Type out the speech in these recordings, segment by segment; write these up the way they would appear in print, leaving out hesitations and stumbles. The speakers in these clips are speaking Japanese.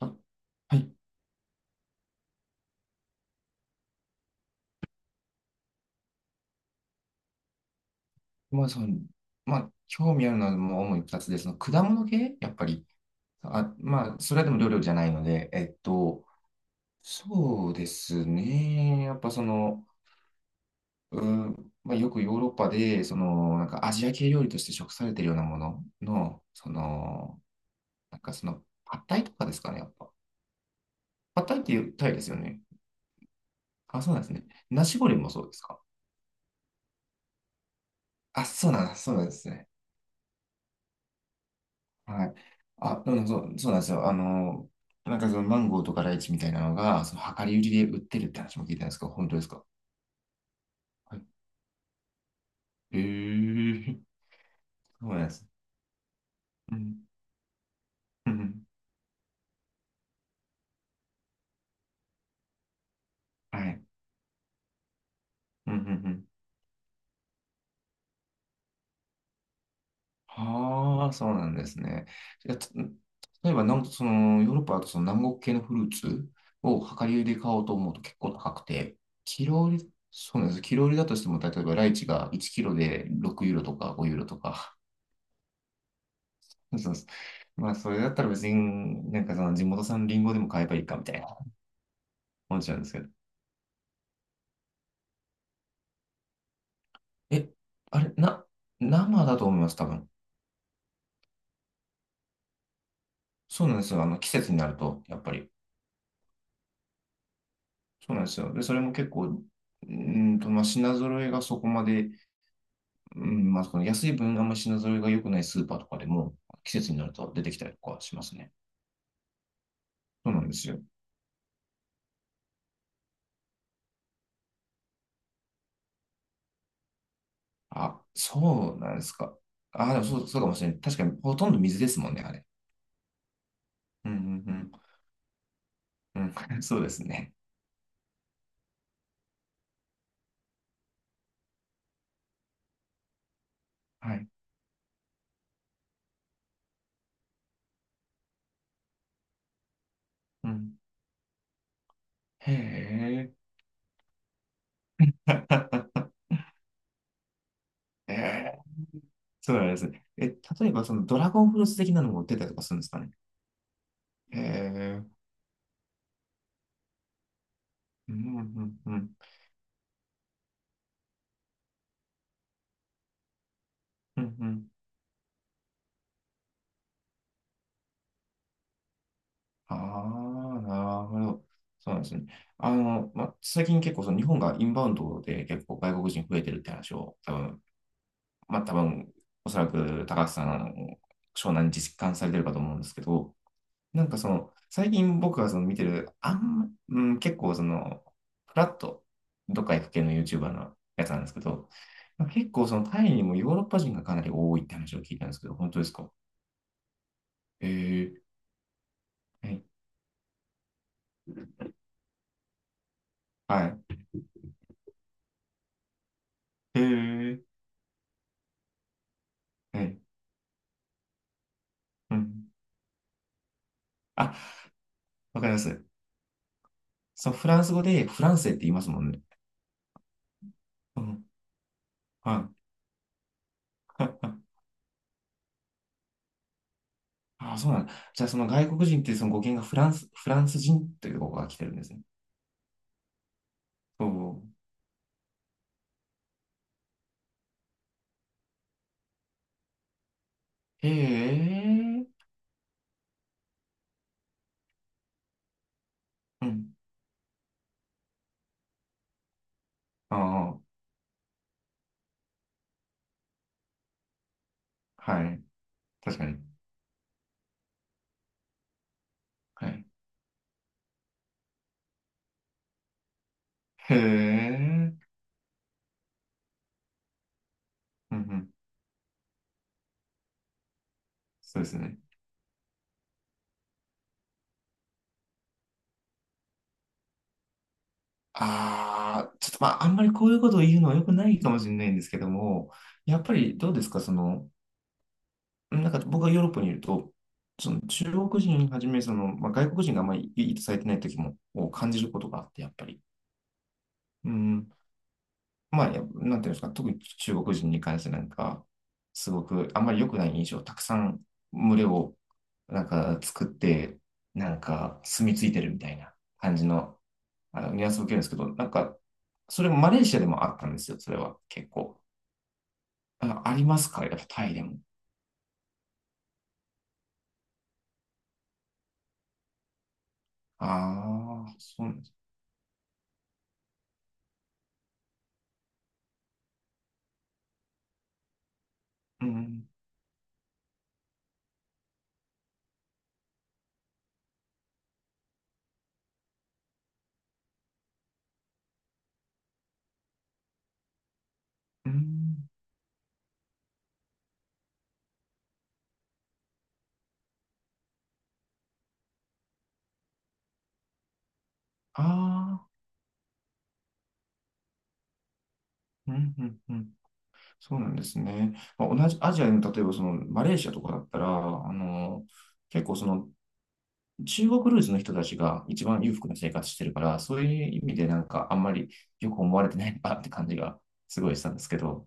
あ、はい。まあ、その、まあ、興味あるのはもう主に2つで、その果物系やっぱり。あ、まあ、それでも料理じゃないので、そうですね。やっぱその、うよくヨーロッパで、なんかアジア系料理として食されてるようなものの、パッタイとかですかね、やっぱ。パッタイっていうタイですよね。あ、そうなんですね。ナシゴレンもそうですか。あ、そうなんです、そうなんですね。はい。そうなんですよ。あの、なんかそのマンゴーとかライチみたいなのが、その量り売りで売ってるって話も聞いたんですけど、本当ですか？はい。へえー、そうなんです。うん。うん。はい。うん。うん。うん。はあ、そうなんですね。いや、つ例えば、なんその、ヨーロッパだとその南国系のフルーツを量り売りで買おうと思うと結構高くて、キロ売り、そうなんです。キロ売りだとしても、例えばライチが1キロで6ユーロとか5ユーロとか、そうそうそまあ、それだったら別に、なんかその地元産リンゴでも買えばいいかみたいな思っちゃうんですけど。え、あれ、な、生だと思います、多分。そうなんですよ。あの、季節になると、やっぱり。そうなんですよ。で、それも結構、まあ、品揃えがそこまで、うん、まあ、その安い分、あんまり品揃えが良くないスーパーとかでも、季節になると出てきたりとかしますね。そうなんですよ。あ、そうなんですか。あ、でもそう、そうかもしれない。確かに、ほとんど水ですもんね、あれ。うん、うん、うん。うん、そうですね。はい。うん。へえ。へえ。そうなんですね。え、例えばそのドラゴンフルーツ的なのも売ってたりとかするんですかね。へえ。うん、うん、うん、うん、うん。ああ、なるほど。そうなんですね。最近結構その日本がインバウンドで結構外国人増えてるって話を多分、まあ、多分、おそらく高橋さん、あの湘南に実感されてるかと思うんですけど、最近僕がその見てる、あんま、うん、結構その、フラット、どっか行く系の YouTuber のやつなんですけど、結構そのタイにもヨーロッパ人がかなり多いって話を聞いたんですけど、本当ですか？へー、はい、はい。へー、はい。うん。あ、わかります。そう、フランス語でフランセって言いますもんね。うん。はい。あ、そうなんだ。じゃあその外国人ってその語源がフランス、フランス人という語が来てるんですね。そう。へえ、うん。ああ。はい。確かに。はい。へえ。うんうん。そうですね。ああ、ちょっとまあ、あんまりこういうことを言うのは良くないかもしれないんですけども、やっぱりどうですか、その、なんか僕がヨーロッパにいると、その中国人はじめ、その、まあ、外国人があんまりいいとされてない時もを感じることがあって、やっぱり。うん。まあ、やなんていうんですか、特に中国人に関してなんか、すごくあんまり良くない印象、たくさん群れをなんか作って、なんか住み着いてるみたいな感じの、あのニュアンスを受けるんですけど、なんか、それもマレーシアでもあったんですよ、それは結構。あ、ありますか、やっぱタイでも。ああ、そうなんです。うん、うん、ああ、うん、うん、うん。そうなんですね。まあ、同じアジアの、例えばそのマレーシアとかだったら、あの、結構その中国ルーツの人たちが一番裕福な生活してるから、そういう意味でなんかあんまりよく思われてないなって感じがすごいしたんですけど、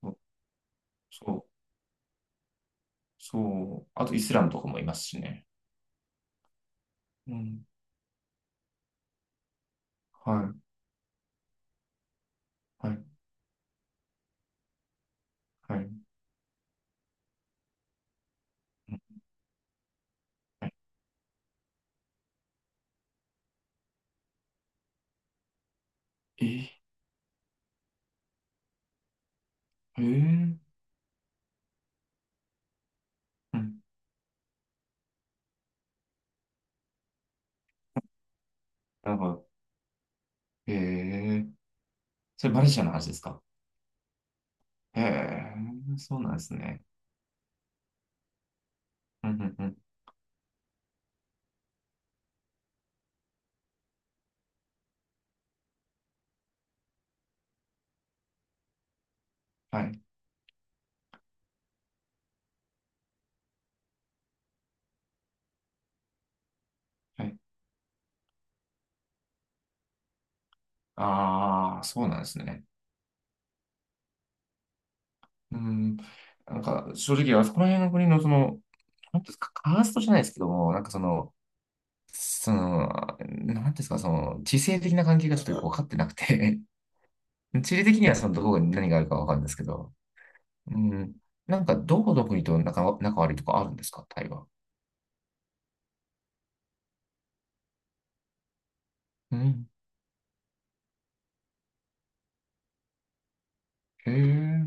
そう、そう、そうあとイスラムとかもいますしね。うん、はい、はい、はい。うん、はい。えー、えー、うん、なんか、えー、それマレーシアの話ですか？ええー、そうなんですね。うん、うん、うん、はい、はい。ああ、そうなんですね。うん、なんか正直、あそこら辺の国のその、なんていうんですか、カーストじゃないですけども、なんていうんですか、その、地政的な関係がちょっとよく分かってなくて。 地理的にはそのどこに何があるか分かるんですけど、うん、なんかどこの国と仲、仲悪いとかあるんですか、タイは。うん、へえ、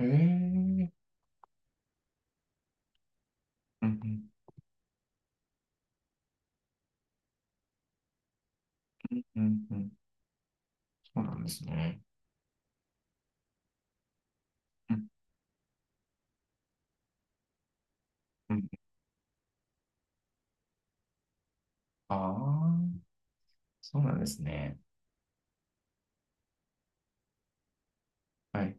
へえ、うんうん、うん、うん、そうなんですね。うん、うん、ああ、そうなんですね。はい、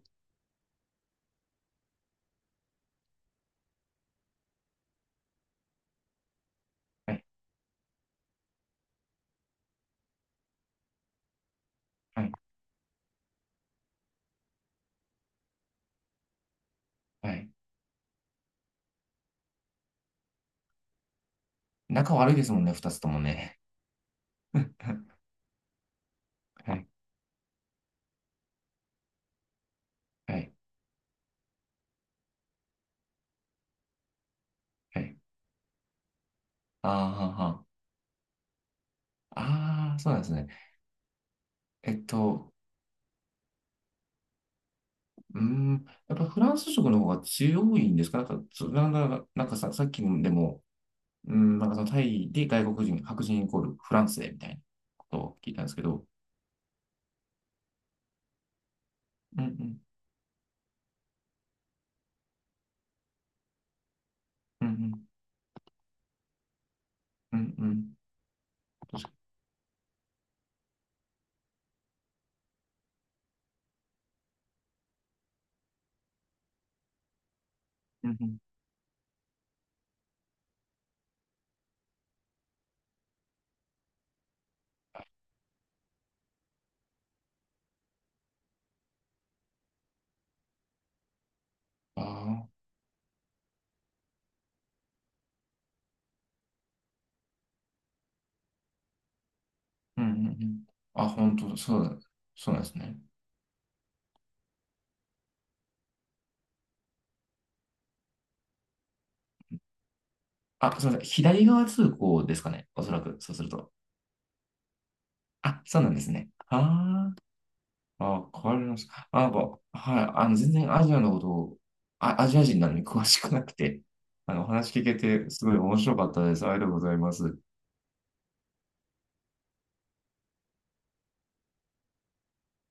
はい、はい、はい。仲悪いですもんね、二つともね。うんうん。はい、はい、はい。あーは、はあー、そうなんですね。えっと、やっぱフランス食の方が強いんですか、なんか、そなんか、なんかさ、さっきでも、うーん、なんかそのタイで外国人、白人イコールフランスでみたいなことを聞いたんですけど、うんうん、うんうん、うんうん、うんうん、ああー、うんうんうんうんうんうんうん、あ、うんうんうん、あ、本当そうだ、そうなんですね。あ、すみません、左側通行ですかね、おそらく、そうすると。あ、そうなんですね。ああ。あ、変わります。あ、なんか、はい、あの、全然アジアのことを、あ、アジア人なのに詳しくなくて、あの、お話聞けて、すごい面白かったです。ありがとうございます。